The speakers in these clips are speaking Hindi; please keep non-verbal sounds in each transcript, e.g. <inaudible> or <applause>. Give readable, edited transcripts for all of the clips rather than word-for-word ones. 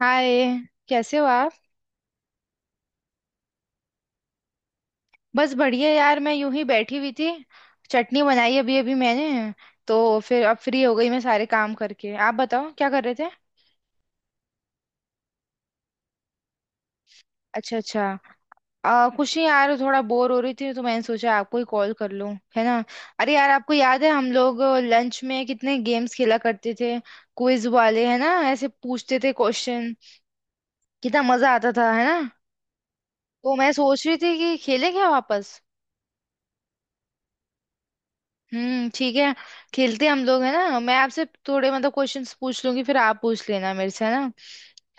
हाय। कैसे हो आप? बस बढ़िया यार, मैं यूं ही बैठी हुई थी। चटनी बनाई अभी अभी मैंने। तो फिर अब फ्री हो गई मैं सारे काम करके। आप बताओ क्या कर रहे थे? अच्छा अच्छा। कुछ नहीं यार, थोड़ा बोर हो रही थी तो मैंने सोचा आपको ही कॉल कर लूं, है ना। अरे यार, आपको याद है हम लोग लंच में कितने गेम्स खेला करते थे? क्विज वाले, है ना? ऐसे पूछते थे क्वेश्चन। कितना मजा आता था, है ना? तो मैं सोच रही थी कि खेलें क्या वापस। ठीक है। खेलते हम लोग, है ना। मैं आपसे थोड़े मतलब क्वेश्चंस पूछ लूंगी, फिर आप पूछ लेना मेरे से, है ना।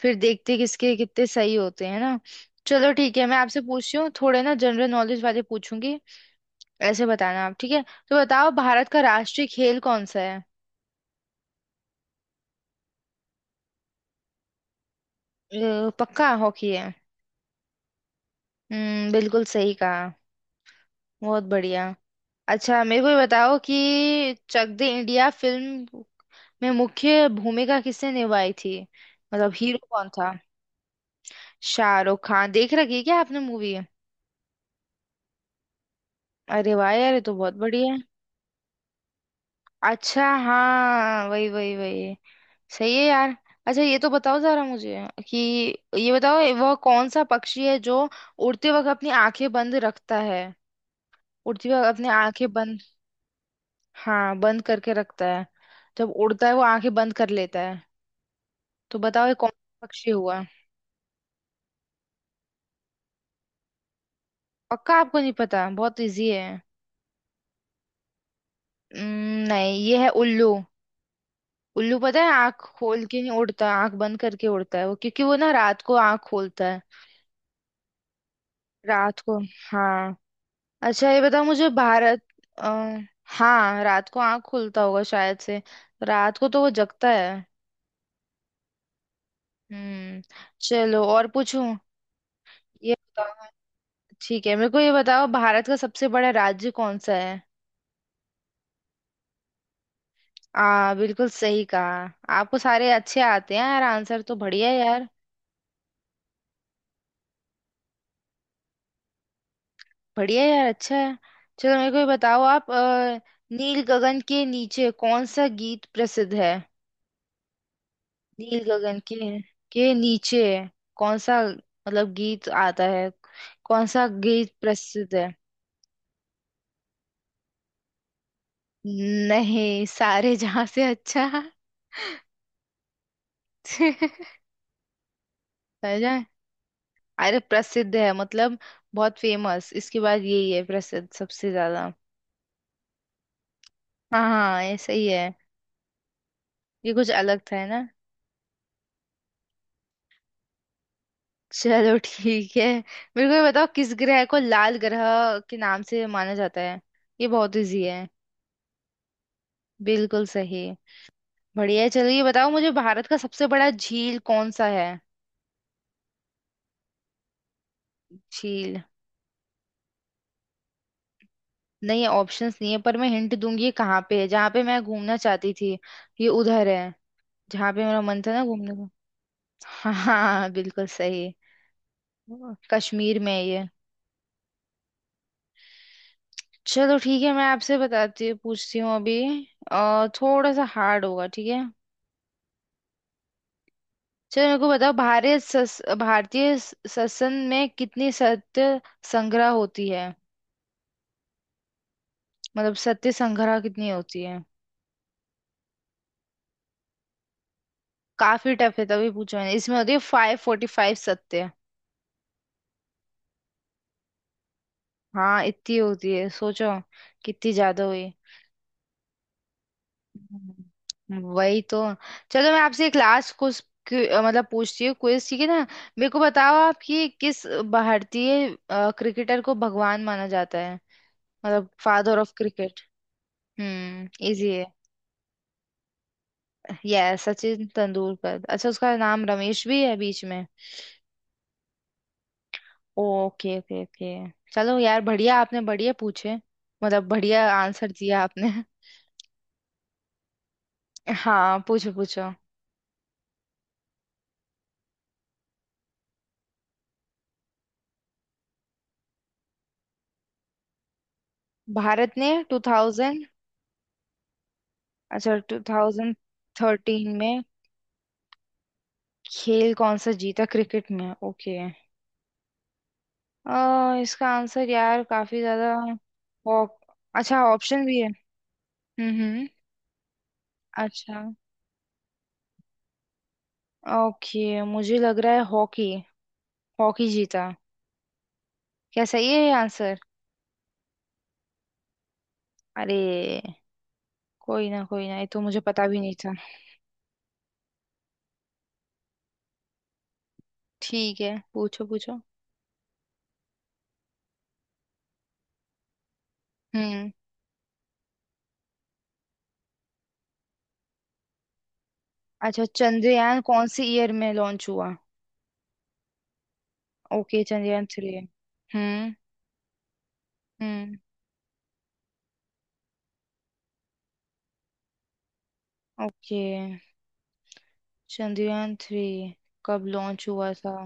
फिर देखते किसके कितने सही होते हैं ना। चलो ठीक है, मैं आपसे पूछती हूँ थोड़े ना जनरल नॉलेज वाले पूछूंगी। ऐसे बताना आप, ठीक है? तो बताओ भारत का राष्ट्रीय खेल कौन सा है? पक्का हॉकी है? हम्म, बिल्कुल सही कहा। बहुत बढ़िया। अच्छा मेरे को ये बताओ कि चक दे इंडिया फिल्म में मुख्य भूमिका किसने निभाई थी? मतलब हीरो कौन था? शाहरुख खान देख रखी है क्या आपने मूवी? अरे वाह यार, ये तो बहुत बढ़िया है। अच्छा हाँ, वही वही वही। सही है यार। अच्छा ये तो बताओ जरा मुझे कि ये बताओ वह कौन सा पक्षी है जो उड़ते वक्त अपनी आंखें बंद रखता है? उड़ते वक्त अपनी आंखें बंद। हाँ बंद करके रखता है। जब उड़ता है वो आंखें बंद कर लेता है। तो बताओ ये कौन सा पक्षी हुआ? पक्का आपको नहीं पता, बहुत इजी है। नहीं, ये है उल्लू। उल्लू पता है आंख खोल के नहीं उड़ता, आंख बंद करके उड़ता है वो, क्योंकि वो ना रात को आंख खोलता है। रात को। हाँ। अच्छा ये बताओ मुझे भारत। आ, हाँ रात को आंख खुलता होगा शायद से। रात को तो वो जगता है। हम्म। चलो और पूछूं। ये बताओ, ठीक है, मेरे को ये बताओ भारत का सबसे बड़ा राज्य कौन सा है? आ, बिल्कुल सही कहा। आपको सारे अच्छे आते हैं यार, आंसर तो बढ़िया है यार। बढ़िया यार, अच्छा है। चलो मेरे को ये बताओ आप नील गगन के नीचे कौन सा गीत प्रसिद्ध है? नील गगन के नीचे कौन सा, मतलब गीत आता है? कौन सा गीत प्रसिद्ध है? नहीं, सारे जहां से अच्छा। <laughs> सारे जहां। अरे प्रसिद्ध है, मतलब बहुत फेमस। इसके बाद यही है प्रसिद्ध सबसे ज्यादा। हाँ हाँ, ऐसा ही है। ये कुछ अलग था, है ना। चलो ठीक है, मेरे को ये बताओ किस ग्रह को लाल ग्रह के नाम से माना जाता है? ये बहुत इजी है। बिल्कुल सही। बढ़िया है। चलो ये बताओ मुझे, भारत का सबसे बड़ा झील कौन सा है? झील। नहीं है, ऑप्शंस नहीं है, पर मैं हिंट दूंगी। ये कहाँ पे है जहाँ पे मैं घूमना चाहती थी। ये उधर है, जहाँ पे मेरा मन था ना घूमने का। <laughs> हाँ हाँ हाँ, बिल्कुल सही। कश्मीर में है ये। चलो ठीक है, मैं आपसे बताती पूछती हूँ अभी। थोड़ा सा हार्ड होगा, ठीक है। चलो मेरे को बताओ, भारतीय संसद में कितनी सत्य संग्रह होती है? मतलब सत्य संग्रह कितनी होती है? काफी टफ है, तभी पूछा मैंने। इसमें होती है 545 सत्य। हाँ इतनी होती है, सोचो कितनी ज्यादा हुई। वही तो। चलो मैं आपसे एक लास्ट कुछ, मतलब पूछती हूँ क्विज, ठीक है ना। मेरे को बताओ आप कि किस भारतीय क्रिकेटर को भगवान माना जाता है? मतलब फादर ऑफ क्रिकेट। हम्म, इजी है। यस, सचिन तेंदुलकर। अच्छा उसका नाम रमेश भी है बीच में? Okay okay okay. चलो यार, बढ़िया आपने बढ़िया पूछे, मतलब बढ़िया आंसर दिया आपने। <laughs> हाँ पूछो पूछो। भारत ने 2000... अच्छा, 2013 में? खेल कौन सा जीता क्रिकेट में, ओके। इसका आंसर यार काफी ज्यादा। हॉक अच्छा, ऑप्शन भी है। हम्म। अच्छा, ओके, मुझे लग रहा है हॉकी, हॉकी जीता। क्या सही है ये आंसर? अरे, कोई ना कोई ना, ये तो मुझे पता भी नहीं था। ठीक है पूछो पूछो। हम्म। अच्छा चंद्रयान कौन से ईयर में लॉन्च हुआ? Okay Chandrayaan three. हम्म। हम्म। ओके चंद्रयान थ्री कब लॉन्च हुआ था?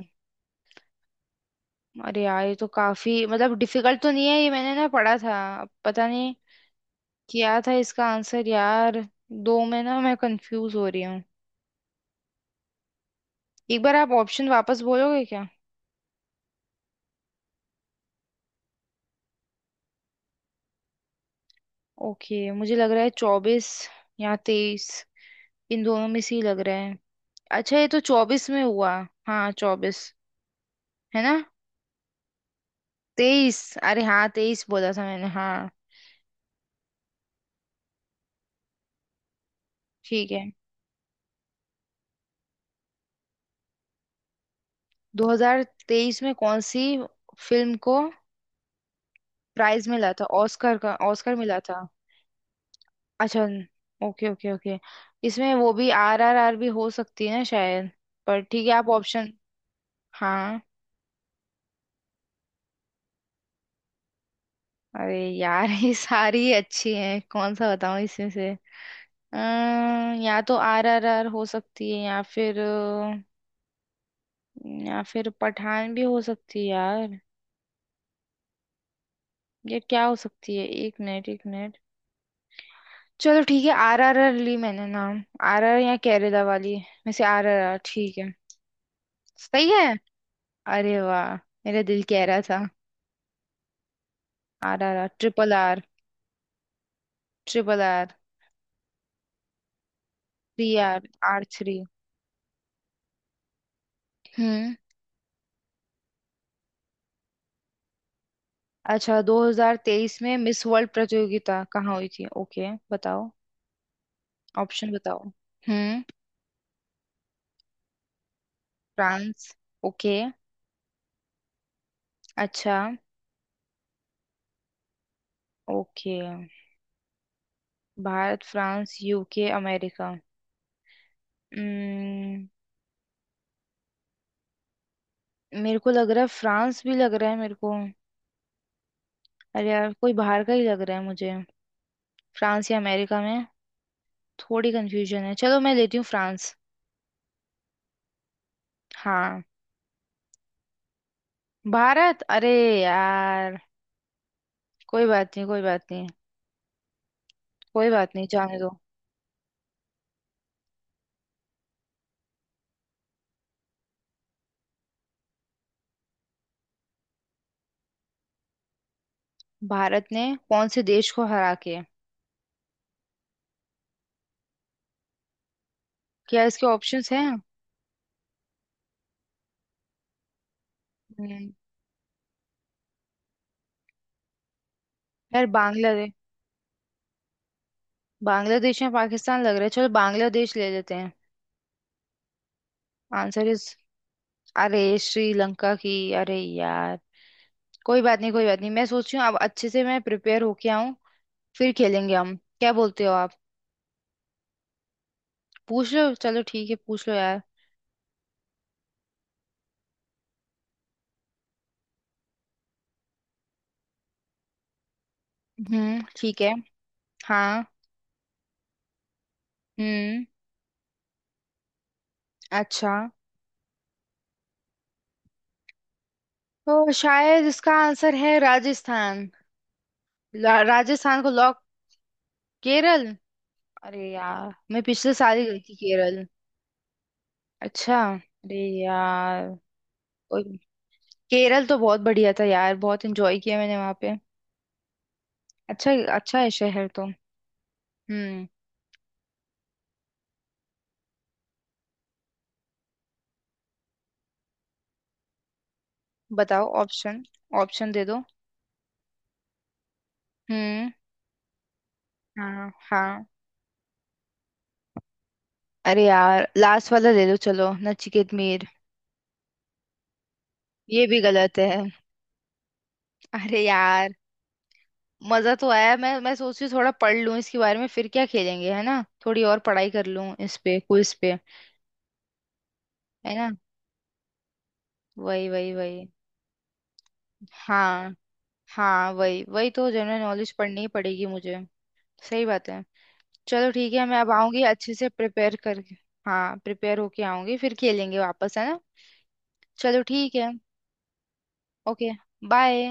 अरे यार ये तो काफी मतलब डिफिकल्ट तो नहीं है, ये मैंने ना पढ़ा था, अब पता नहीं क्या था इसका आंसर यार। दो में ना मैं कंफ्यूज हो रही हूँ। एक बार आप ऑप्शन वापस बोलोगे क्या? ओके मुझे लग रहा है 24 या 23, इन दोनों में से ही लग रहा है। अच्छा ये तो 24 में हुआ। हाँ 24, है ना? 23? अरे हाँ 23 बोला था मैंने, हाँ। ठीक है। 2023 में कौन सी फिल्म को प्राइज मिला था ऑस्कर का? ऑस्कर मिला था? अच्छा, ओके ओके ओके। इसमें वो भी आर आर आर भी हो सकती है ना शायद। पर ठीक है, आप ऑप्शन। हाँ। अरे यार ये सारी अच्छी हैं, कौन सा बताऊं इसमें से? या तो आर आर आर हो सकती है, या फिर, या फिर पठान भी हो सकती है यार। ये क्या हो सकती है, एक मिनट एक मिनट। चलो ठीक है, आर आर आर ली मैंने नाम। आर आर या केरला वाली में से आर आर आर ठीक है। सही है। अरे वाह, मेरा दिल कह रहा था R R R, triple R. Triple R. Three R R three. हम्म। अच्छा, 2023 में मिस वर्ल्ड प्रतियोगिता कहाँ हुई थी? ओके बताओ ऑप्शन। बताओ। हम्म। फ्रांस। ओके। अच्छा। Okay. Bharat France UK America. उम्म, मेरे को लग रहा है फ्रांस, भी लग रहा है मेरे को। अरे यार कोई बाहर का ही लग रहा है मुझे, फ्रांस या अमेरिका में थोड़ी कंफ्यूजन है। चलो मैं लेती हूँ फ्रांस। हाँ। भारत? अरे यार। कोई बात नहीं कोई बात नहीं। कोई बात नहीं, जाने दो। भारत ने कौन से देश को हरा के? क्या इसके ऑप्शंस हैं? हम्म, यार बांग्लादेश। बांग्लादेश या पाकिस्तान लग रहा है, चलो बांग्लादेश ले लेते हैं। आंसर इज... अरे श्रीलंका की, अरे यार। कोई बात नहीं कोई बात नहीं, मैं सोच रही हूँ अब अच्छे से मैं प्रिपेयर होके आऊँ, फिर खेलेंगे हम, क्या बोलते हो आप? पूछ लो, चलो ठीक है, पूछ लो यार। ठीक है। हाँ। हम्म। अच्छा। तो शायद इसका आंसर है राजस्थान। राजस्थान को लॉक। केरल? अरे यार मैं पिछले साल ही गई थी केरल। अच्छा, अरे यार। कोई, केरल तो बहुत बढ़िया था यार, बहुत एंजॉय किया मैंने वहां पे। अच्छा अच्छा है शहर तो। हम्म। बताओ ऑप्शन, ऑप्शन दे दो। हम्म। हाँ हाँ। अरे यार लास्ट वाला ले लो, चलो नचिकेत मीर। ये भी गलत है? अरे यार, मजा तो आया। मैं सोच रही हूँ थोड़ा पढ़ लूँ इसके बारे में, फिर क्या खेलेंगे, है ना। थोड़ी और पढ़ाई कर लूँ इस पे, क्विज पे, है ना। वही वही वही। हाँ हाँ वही वही, तो जनरल नॉलेज पढ़नी ही पड़ेगी मुझे। सही बात है। चलो ठीक है, मैं अब आऊंगी अच्छे से प्रिपेयर करके। हाँ प्रिपेयर होके आऊंगी, फिर खेलेंगे वापस, है ना। चलो ठीक है। ओके। बाय।